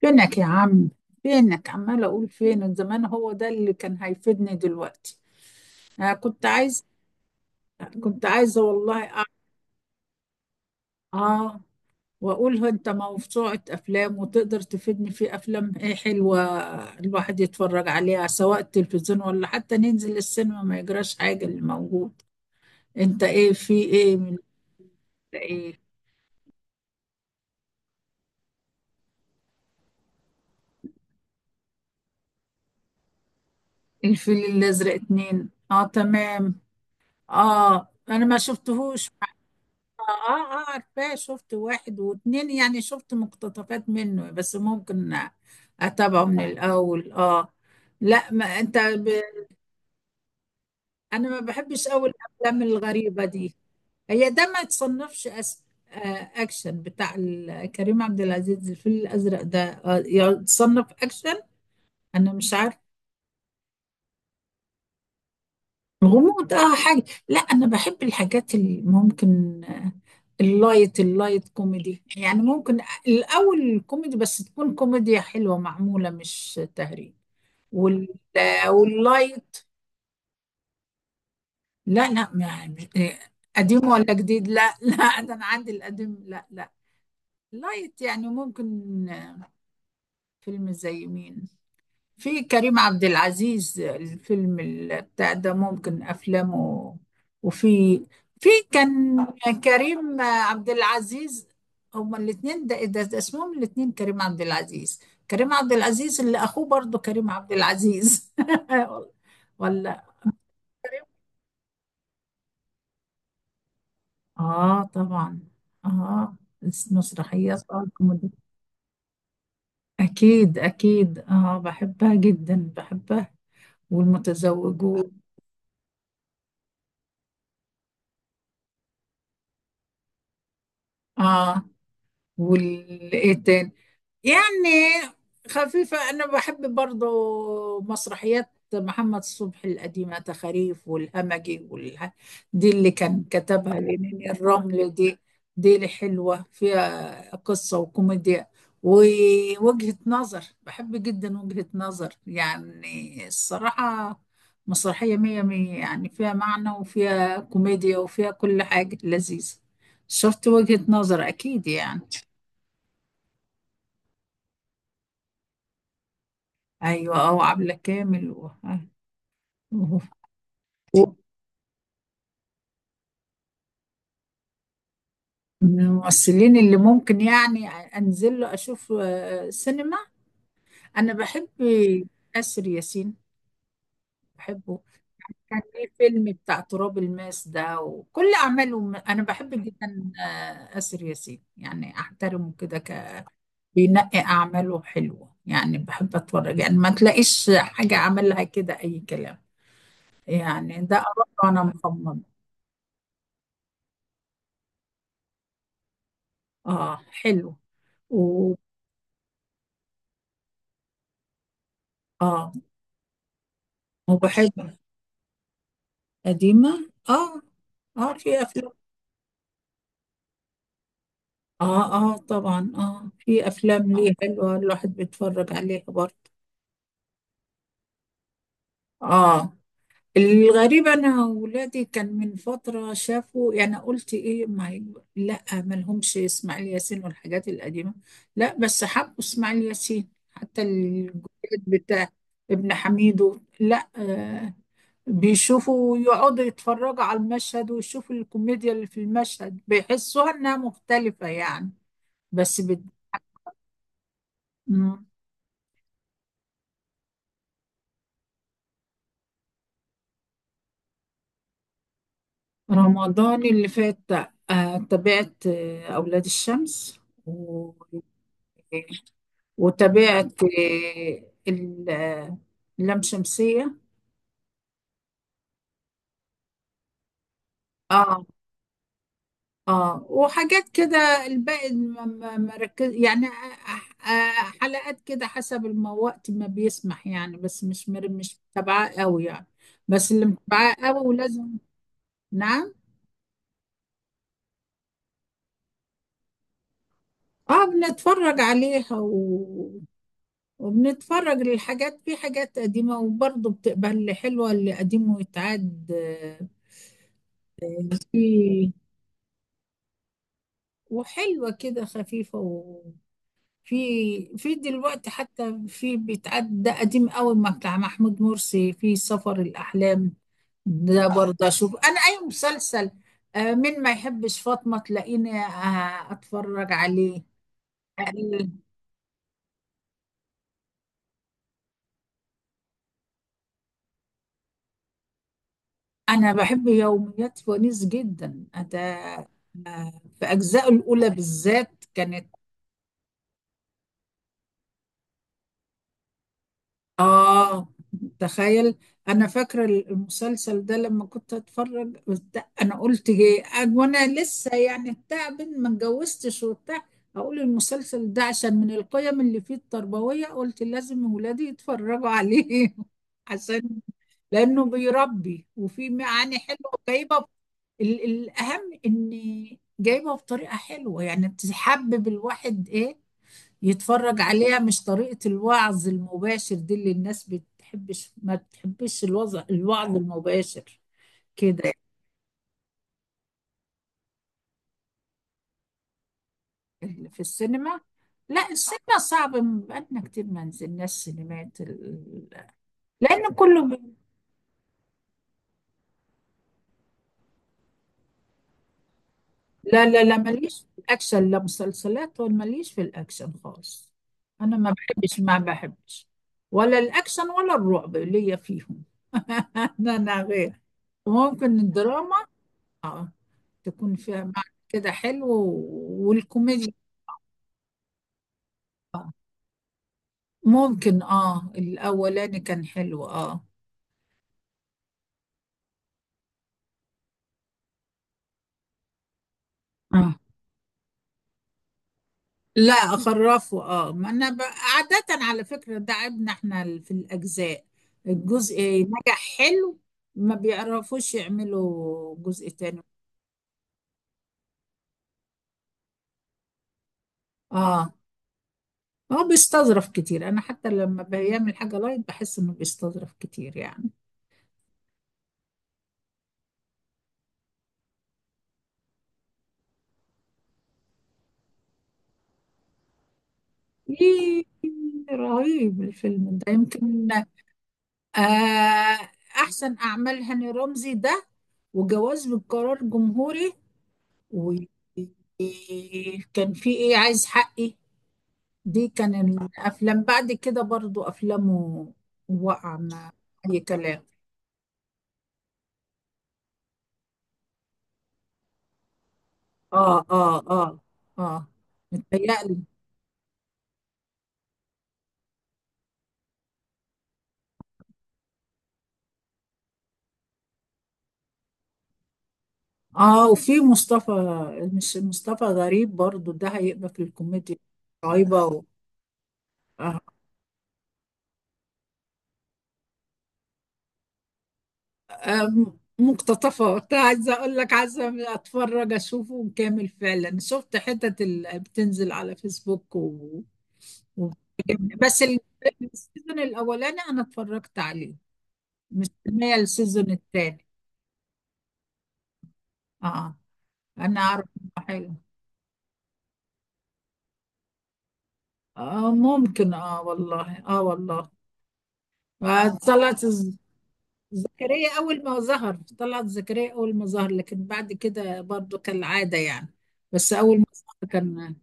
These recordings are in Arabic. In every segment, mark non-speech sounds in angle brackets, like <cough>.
فينك يا عم. فينك عمال اقول فينك زمان، هو ده اللي كان هيفيدني دلوقتي. انا كنت عايز، كنت عايزه والله اه، واقول له انت موسوعة افلام وتقدر تفيدني في افلام ايه حلوة الواحد يتفرج عليها سواء التلفزيون ولا حتى ننزل السينما ما يجراش حاجة اللي موجود. انت ايه في ايه من ايه؟ الفيل الازرق اتنين، اه تمام. اه انا ما شفتهوش. اه اه عارفاه، شفت واحد واتنين، يعني شفت مقتطفات منه بس ممكن اتابعه من الاول. اه. لا ما انت انا ما بحبش قوي الافلام الغريبه دي. هي ده ما يتصنفش. اكشن بتاع كريم عبد العزيز، الفيل الازرق ده يتصنف اكشن. انا مش عارف. غموض، اه حاجه. لا انا بحب الحاجات اللي ممكن، اللايت كوميدي يعني ممكن. الأول كوميدي بس تكون كوميديا حلوة معمولة مش تهريج. واللايت. لا لا ما مش- آه، قديم ولا جديد؟ لا لا <laughs> ده أنا عندي القديم، لا لا. لايت يعني ممكن. فيلم زي مين؟ في كريم عبد العزيز، الفيلم بتاع ده، ممكن افلامه. وفي، في كان كريم عبد العزيز. هما الاثنين، ده اسمهم الاثنين كريم عبد العزيز، كريم عبد العزيز اللي اخوه برضه كريم عبد العزيز. <laughs> ولا؟ اه طبعا. اه. مسرحية كوميدي، اكيد اكيد، اه بحبها جدا، بحبها. والمتزوجون. اه والايه تاني؟ يعني خفيفة. أنا بحب برضو مسرحيات محمد صبحي القديمة، تخاريف والهمجي والها، دي اللي كان كتبها لنيني الرمل دي، دي اللي حلوة فيها قصة وكوميديا ووجهة نظر. بحب جدا وجهة نظر يعني، الصراحة مسرحية مية مية يعني، فيها معنى وفيها كوميديا وفيها كل حاجة لذيذة. شفت؟ وجهة نظر أكيد يعني. ايوه اه، وعبلة كامل و- من الممثلين اللي ممكن يعني انزل له اشوف، سينما. انا بحب اسر ياسين، بحبه. كان ليه فيلم بتاع تراب الماس ده وكل اعماله، انا بحب جدا اسر ياسين، يعني احترمه كده ك بينقي اعماله حلوه، يعني بحب اتفرج، يعني ما تلاقيش حاجه عملها كده اي كلام، يعني ده اراء انا مصممه. اه حلو. و اه. هو حلو. قديمة اه. اه في أفلام. اه اه طبعا، اه في أفلام ليه حلوة الواحد بيتفرج عليها برضه. اه. الغريب أنا ولادي كان من فترة شافوا، يعني قلت إيه ما لا مالهمش إسماعيل ياسين والحاجات القديمة، لا بس حبوا إسماعيل ياسين حتى الجداد بتاع ابن حميدو، لا آه، بيشوفوا يقعدوا يتفرجوا على المشهد ويشوفوا الكوميديا اللي في المشهد، بيحسوها انها مختلفة يعني. بس بد... مم. رمضان اللي فات، تابعت أولاد الشمس و... وتابعت اللام شمسية. اه اه وحاجات كده. الباقي ما ركز يعني أ- حلقات كده حسب وقت ما بيسمح يعني، بس مش متابعاه قوي يعني، بس اللي متابعاه قوي ولازم. نعم. اه بنتفرج عليها و... وبنتفرج للحاجات، في حاجات قديمة وبرضه بتبقى اللي حلوة، اللي قديم ويتعاد. في، وحلوة كده خفيفة. في في دلوقتي حتى في بيتعدى قديم قوي ما بتاع محمود مرسي في سفر الأحلام، ده برضه أشوف أنا أي مسلسل مين ما يحبش فاطمة تلاقيني أتفرج عليه. آه، أنا بحب يوميات ونيس جدا ده، في أجزائه الأولى بالذات كانت، آه. تخيل. أنا فاكرة المسلسل ده لما كنت أتفرج أنا قلت إيه وأنا لسه يعني بتاع بنت ما اتجوزتش وبتاع، أقول المسلسل ده عشان من القيم اللي فيه التربوية قلت لازم ولادي يتفرجوا عليه <laughs> عشان لأنه بيربي وفيه معاني حلوة جايبة. الأهم إن جايبة بطريقة حلوة يعني، تحبب الواحد إيه يتفرج عليها، مش طريقة الوعظ المباشر دي اللي الناس بتحبش، ما بتحبش الوضع الوعظ المباشر كده. يعني اللي في السينما، لا السينما صعب، بقالنا كتير ما نزلناش سينمات لأن كله لا لا لا، ماليش في الأكشن، لا مسلسلات، ولا ماليش في الأكشن خالص. أنا ما بحبش، ما بحبش ولا الأكشن ولا الرعب، ليا فيهم. <laughs> أنا أنا غير، ممكن الدراما تكون فيها معنى كده حلو، والكوميديا. ممكن اه، الاولاني كان حلو اه. اه لا اخرفه اه، ما انا عادة على فكرة ده عيبنا احنا في الاجزاء، الجزء نجح حلو، ما بيعرفوش يعملوا جزء تاني. اه. هو بيستظرف كتير، انا حتى لما بيعمل حاجة لايت بحس انه بيستظرف كتير يعني. إيه رهيب الفيلم ده، يمكن. آه أحسن أعمال هاني رمزي ده، وجواز بالقرار جمهوري، وكان في ايه، عايز حقي، دي كان الافلام بعد كده برضو افلامه. وقع مع اي كلام. اه اه اه. اه. متهيألي. اه وفي مصطفى، مش مصطفى غريب برضو ده، هيبقى في الكوميديا رهيبة و... آه. آه مقتطفة، كنت عايزة اقول لك عايزة اتفرج، اشوفه كامل فعلا. شفت حتت اللي بتنزل على فيسبوك و... بس السيزون الاولاني انا اتفرجت عليه، مستنيه السيزون الثاني. اه. انا عارف إنه حلو. اه ممكن، اه والله اه والله. طلعت زكريا اول ما ظهر، طلعت زكريا اول ما ظهر، لكن بعد كده برضو كالعاده يعني، بس اول ما ظهر كان.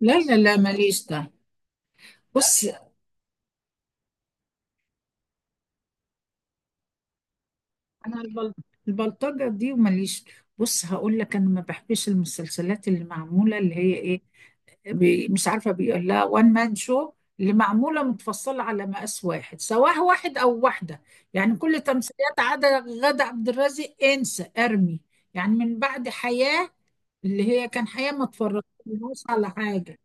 لا لا لا ماليش ده. بص، انا البلطجه دي، وماليش. بص هقول لك، انا ما بحبش المسلسلات اللي معموله اللي هي ايه، مش عارفة بيقول لها وان مان شو، اللي معمولة متفصلة على مقاس واحد، سواء واحد أو واحدة، يعني كل تمثيليات عدا غادة عبد الرازق، انسى ارمي. يعني من بعد حياة، اللي هي كان حياة ما اتفرجتلهاش على حاجة.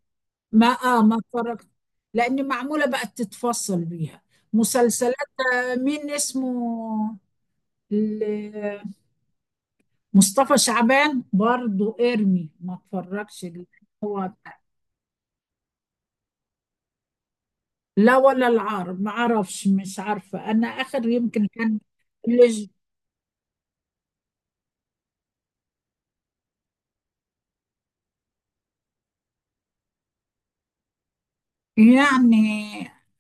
ما اه ما اتفرجت، لأن معمولة بقت تتفصل بيها مسلسلات. مين اسمه، ال- مصطفى شعبان برضو ارمي ما اتفرجش اللي هو. لا ولا العار ما اعرفش، مش عارفة انا اخر يمكن كان اللي- يعني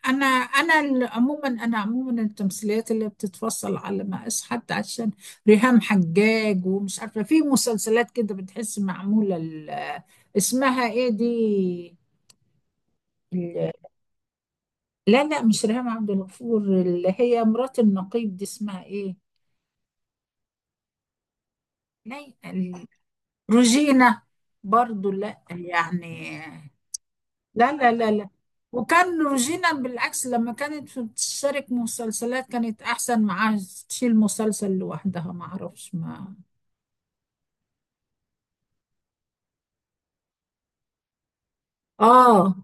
انا انا عموما، انا عموما التمثيليات اللي بتتفصل على مقاس، حتى عشان ريهام حجاج، ومش عارفة في مسلسلات كده بتحس معمولة اسمها ايه دي ال- لا لا، مش ريهام عبد الغفور. اللي هي مرات النقيب دي اسمها ايه، لا روجينا، برضو لا يعني. لا لا لا لا. وكان روجينا بالعكس لما كانت بتشترك مسلسلات كانت احسن معاها، تشيل مسلسل لوحدها ما اعرفش، ما اه،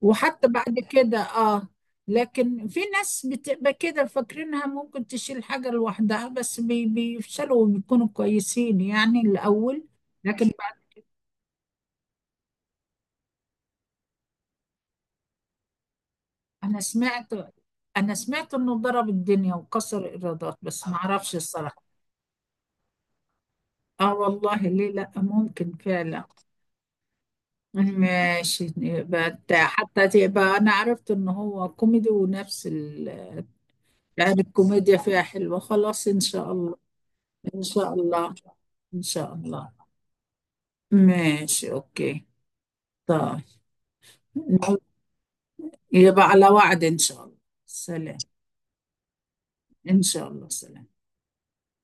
وحتى بعد كده اه. لكن في ناس بتبقى كده فاكرينها ممكن تشيل حاجة لوحدها، بس بيفشلوا وبيكونوا كويسين يعني الاول. لكن بعد، انا سمعت، انا سمعت انه ضرب الدنيا وكسر ايرادات بس ما اعرفش الصراحة. اه والله ليه لا، ممكن فعلا. ماشي حتى تبقى، انا عرفت ان هو كوميدي ونفس يعني الكوميديا فيها حلوة، خلاص ان شاء الله. ان شاء الله. ان شاء الله. ماشي اوكي. طيب. يبقى على وعد ان شاء الله. سلام. ان شاء الله سلام.